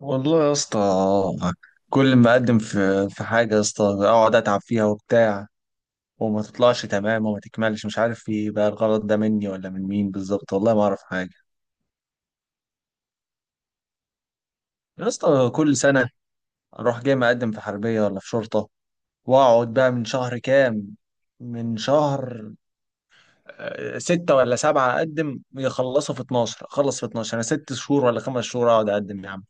والله يا اسطى، كل ما اقدم في حاجه يا اسطى اقعد اتعب فيها وبتاع وما تطلعش تمام وما تكملش. مش عارف ايه بقى الغلط، ده مني ولا من مين بالظبط؟ والله ما اعرف حاجه. يا اسطى كل سنه اروح جاي مقدم في حربيه ولا في شرطه، واقعد بقى من شهر كام، من شهر ستة ولا سبعة. أقدم يخلصوا في 12، أخلص في 12. أنا 6 شهور ولا 5 شهور أقعد أقدم يا عم،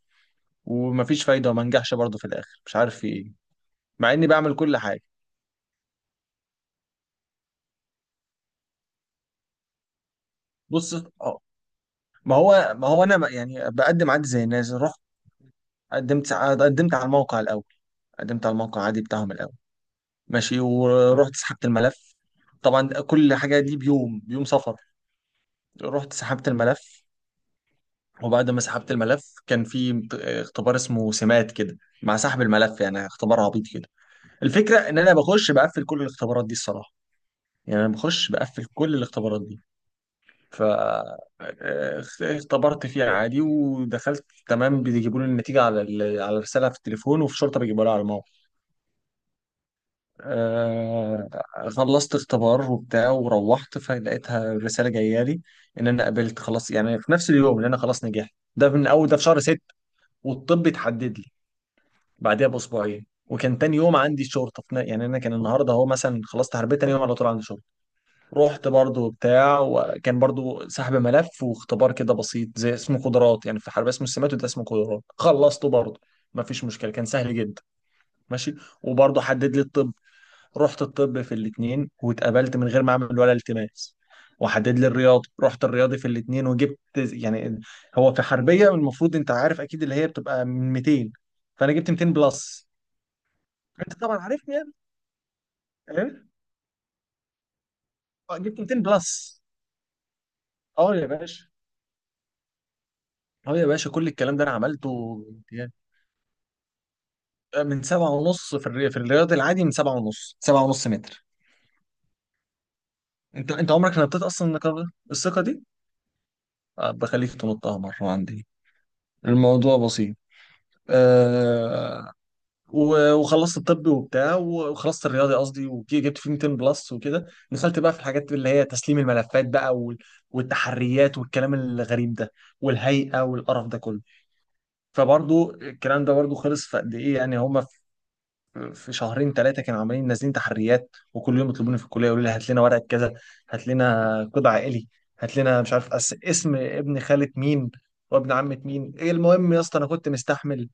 ومفيش فايدة وما انجحش برضه في الآخر. مش عارف في إيه، مع إني بعمل كل حاجة. بص، ما هو انا يعني بقدم عادي زي الناس. رحت قدمت على الموقع الاول، قدمت على الموقع عادي بتاعهم الاول. ماشي، ورحت سحبت الملف. طبعا كل حاجه دي بيوم، بيوم سفر. رحت سحبت الملف، وبعد ما سحبت الملف كان في اختبار اسمه سمات كده، مع سحب الملف، يعني اختبار عبيط كده. الفكره ان انا بخش بقفل كل الاختبارات دي الصراحه. يعني انا بخش بقفل كل الاختبارات دي. ف آه، اختبرت فيها عادي ودخلت تمام، بيجيبوا لي النتيجه على على الرساله في التليفون، وفي شرطه بيجيبوها لي على الموقع. آه، خلصت اختبار وبتاع وروحت فلقيتها الرساله جايه لي ان انا قبلت خلاص، يعني في نفس اليوم ان انا خلاص نجحت. ده من اول، ده في شهر 6. والطب اتحدد لي بعدها بأسبوعين، وكان تاني يوم عندي شرطه في يعني انا كان النهارده هو مثلا خلصت حربيه، تاني يوم على طول عندي شرطه. رحت برضو وبتاع، وكان برضو سحب ملف واختبار كده بسيط زي، اسمه قدرات. يعني في حربية اسمه السمات، وده اسمه قدرات. خلصته برضو، ما فيش مشكلة، كان سهل جدا. ماشي، وبرضو حدد لي الطب. رحت الطب في الاتنين واتقبلت من غير ما اعمل ولا التماس، وحدد لي الرياضي. رحت الرياضي في الاتنين وجبت يعني، هو في حربية المفروض انت عارف اكيد اللي هي بتبقى من 200، فانا جبت 200 بلس. انت طبعا عارفني يعني. إيه؟ جبت 200 بلس. اه يا باشا، اه يا باشا، كل الكلام ده انا عملته. يعني من 7 ونص في الرياض العادي، من 7 ونص، 7 ونص متر. انت عمرك نطيت اصلا النقابة، الثقة دي؟ بخليك تنطها مرة عندي، الموضوع بسيط. آه وخلصت الطبي وبتاع، وخلصت الرياضي قصدي، وجبت فيه 200 بلس، وكده دخلت بقى في الحاجات اللي هي تسليم الملفات بقى والتحريات والكلام الغريب ده، والهيئة والقرف ده كله. فبرضو الكلام ده برضو خلص في قد ايه يعني هما، في شهرين 3 كانوا عمالين نازلين تحريات، وكل يوم يطلبوني في الكليه يقولوا لي هات لنا ورقه كذا، هات لنا قطع عائلي، هات لنا مش عارف اسم ابن خالة مين وابن عمة مين. ايه المهم، يا اسطى انا كنت مستحمل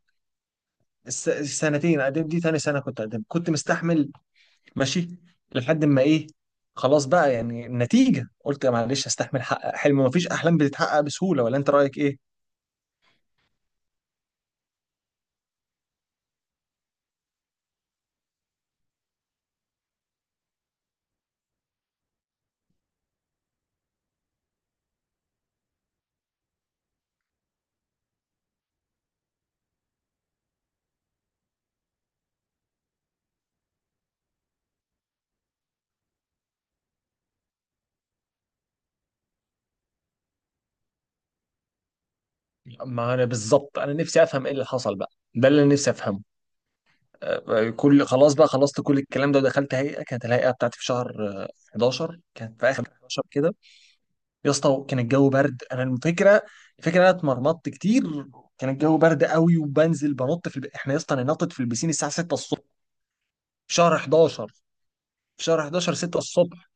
السنتين قدم دي، تاني سنه كنت قدم، كنت مستحمل. ماشي، لحد ما ايه، خلاص بقى. يعني النتيجه قلت يا معلش استحمل، حقق حلم. مفيش احلام بتتحقق بسهوله، ولا انت رايك ايه؟ ما انا بالظبط انا نفسي افهم ايه اللي حصل بقى، ده اللي أنا نفسي افهمه. كل، خلاص بقى، خلصت كل الكلام ده ودخلت هيئه. كانت الهيئه بتاعتي في شهر 11، كانت في اخر 11 كده. يا اسطى كان الجو برد. انا الفكره، الفكره انا اتمرمطت كتير. كان الجو برد قوي وبنزل بنط في احنا يا اسطى انا نطت في البسين الساعه 6 الصبح، في شهر 11، في شهر 11 6 الصبح.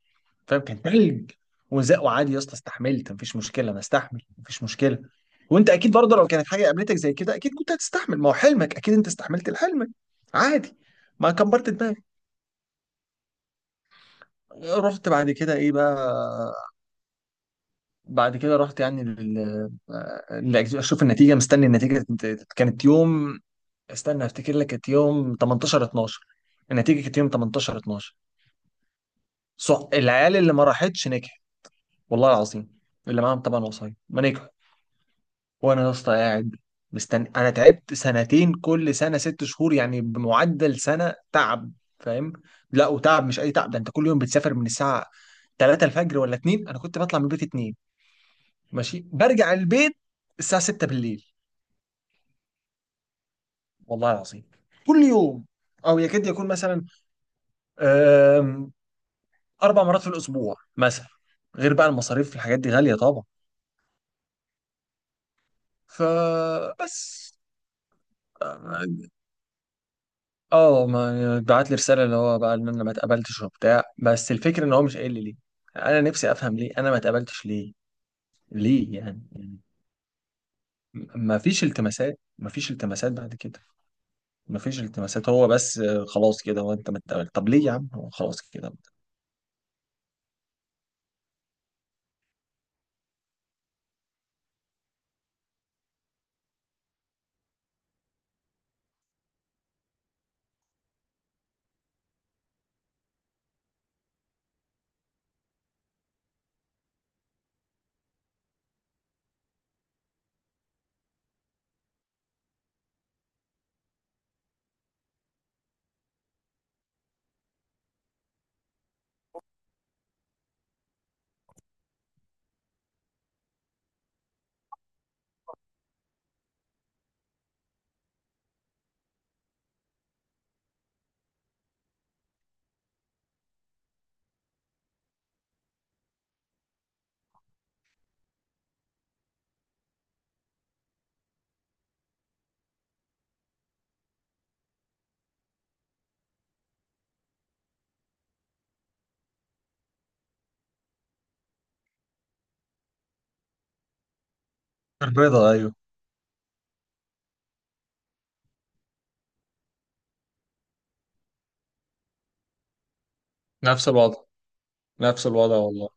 فاهم؟ كان تلج وزق، وعادي يا اسطى استحملت، مفيش مشكله، انا استحمل مفيش مشكله. وانت اكيد برضه لو كانت حاجه قابلتك زي كده اكيد كنت هتستحمل، ما هو حلمك اكيد، انت استحملت الحلم عادي، ما كبرت دماغك. رحت بعد كده ايه بقى، بعد كده رحت يعني اشوف النتيجه، مستني النتيجه. كانت يوم، استنى افتكر لك، كانت يوم 18 12، النتيجه كانت يوم 18 12. صح، العيال اللي ما راحتش نجحت، والله العظيم، اللي معاهم طبعا وصاية ما نجحوا. وانا يا اسطى قاعد مستني. انا تعبت سنتين، كل سنه 6 شهور، يعني بمعدل سنه تعب. فاهم؟ لا وتعب مش اي تعب، ده انت كل يوم بتسافر من الساعه 3 الفجر ولا 2. انا كنت بطلع من البيت 2 ماشي، برجع البيت الساعة 6 بالليل، والله العظيم، كل يوم، او يكاد يكون مثلا آم، 4 مرات في الاسبوع مثلا، غير بقى المصاريف، الحاجات دي غالية طبعا. فبس. اه، ما بعت لي رسالة اللي هو بقى ان انا ما اتقبلتش وبتاع، بس الفكرة ان هو مش قايل لي ليه. انا نفسي افهم ليه انا ما اتقبلتش، ليه؟ ليه يعني؟ ما فيش التماسات، ما فيش التماسات بعد كده، ما فيش التماسات. هو بس خلاص كده. هو انت ما اتقبلت، طب ليه يا عم؟ هو خلاص كده. البيضة، ايوه، نفس الوضع. نفس الوضع والله.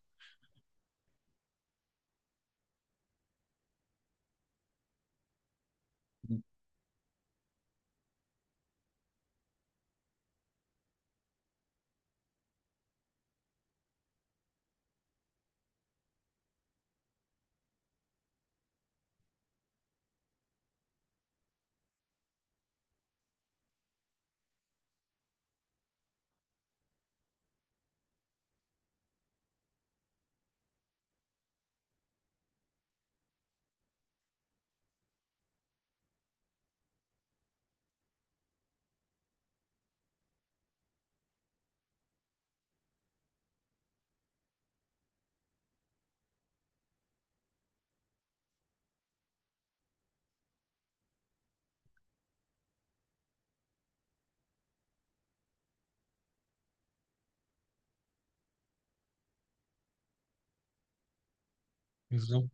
بالظبط،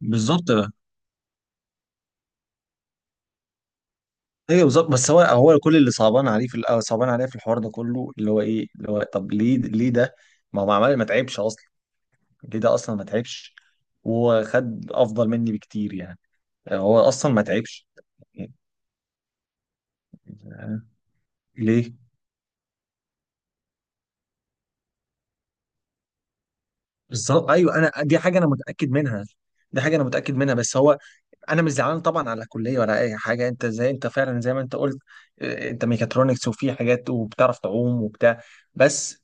بالظبط بقى. ايوه بالظبط، بس هو كل اللي صعبان عليه في الأول، صعبان عليه في الحوار ده كله، اللي هو ايه، اللي هو طب ليه، ليه ده، ما هو معمل، ما تعبش اصلا. ليه ده اصلا ما تعبش وخد افضل مني بكتير يعني، هو اصلا ما تعبش. ليه؟ بالظبط، ايوه، انا دي حاجه انا متاكد منها، دي حاجه انا متاكد منها. بس هو، انا مش زعلان طبعا على كليه ولا اي حاجه، انت زي، انت فعلا زي ما انت قلت، انت ميكاترونكس وفي حاجات وبتعرف تعوم وبتاع. بس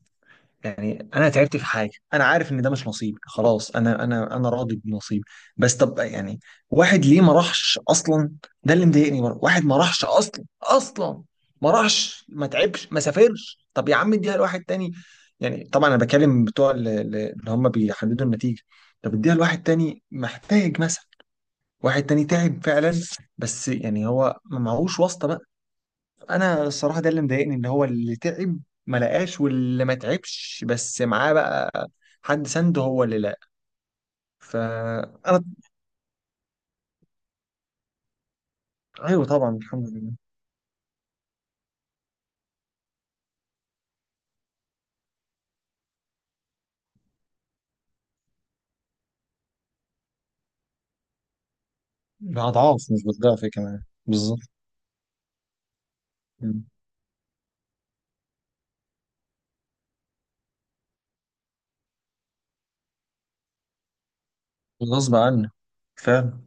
يعني انا تعبت في حاجه، انا عارف ان ده مش نصيبي، خلاص انا، انا راضي بنصيبي. بس طب يعني واحد ليه ما راحش اصلا؟ ده اللي مضايقني برضه، واحد ما راحش اصلا اصلا، ما راحش ما تعبش ما سافرش. طب يا عم اديها لواحد تاني، يعني طبعا انا بكلم بتوع اللي، اللي هم بيحددوا النتيجه. طب اديها لواحد تاني محتاج مثلا، واحد تاني تعب فعلا، بس يعني هو ما معهوش واسطة بقى. انا الصراحة ده اللي مضايقني، ان هو اللي تعب ما لقاش، واللي ما تعبش بس معاه بقى حد سنده، هو اللي لقى. فانا، ايوه طبعا الحمد لله. اضعاف مش بضعف كمان، بالظبط. مم. غصب عنه، فعلا.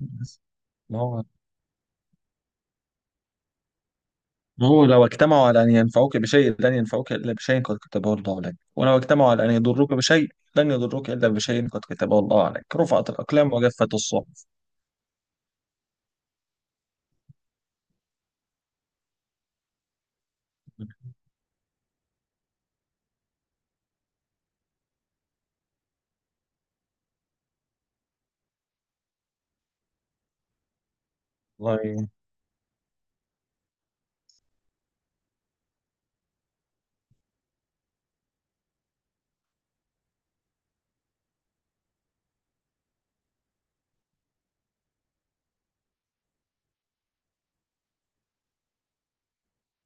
بس ما هو، ما هو لو اجتمعوا على ان ينفعوك بشيء لن ينفعوك الا بشيء قد كتبه الله لك، ولو اجتمعوا على ان يضروك بشيء لن يضروك الا بشيء قد كتبه الله عليك. رفعت الاقلام وجفت الصحف. والله.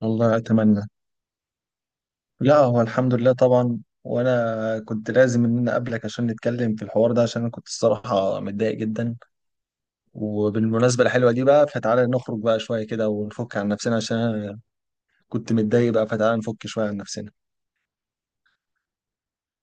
الله، أتمنى. لا هو الحمد لله طبعا، وأنا كنت لازم إن أنا أقابلك عشان نتكلم في الحوار ده، عشان أنا كنت الصراحة متضايق جدا. وبالمناسبة الحلوة دي بقى، فتعالى نخرج بقى شوية كده ونفك عن نفسنا، عشان أنا كنت متضايق بقى، فتعالى نفك شوية عن نفسنا.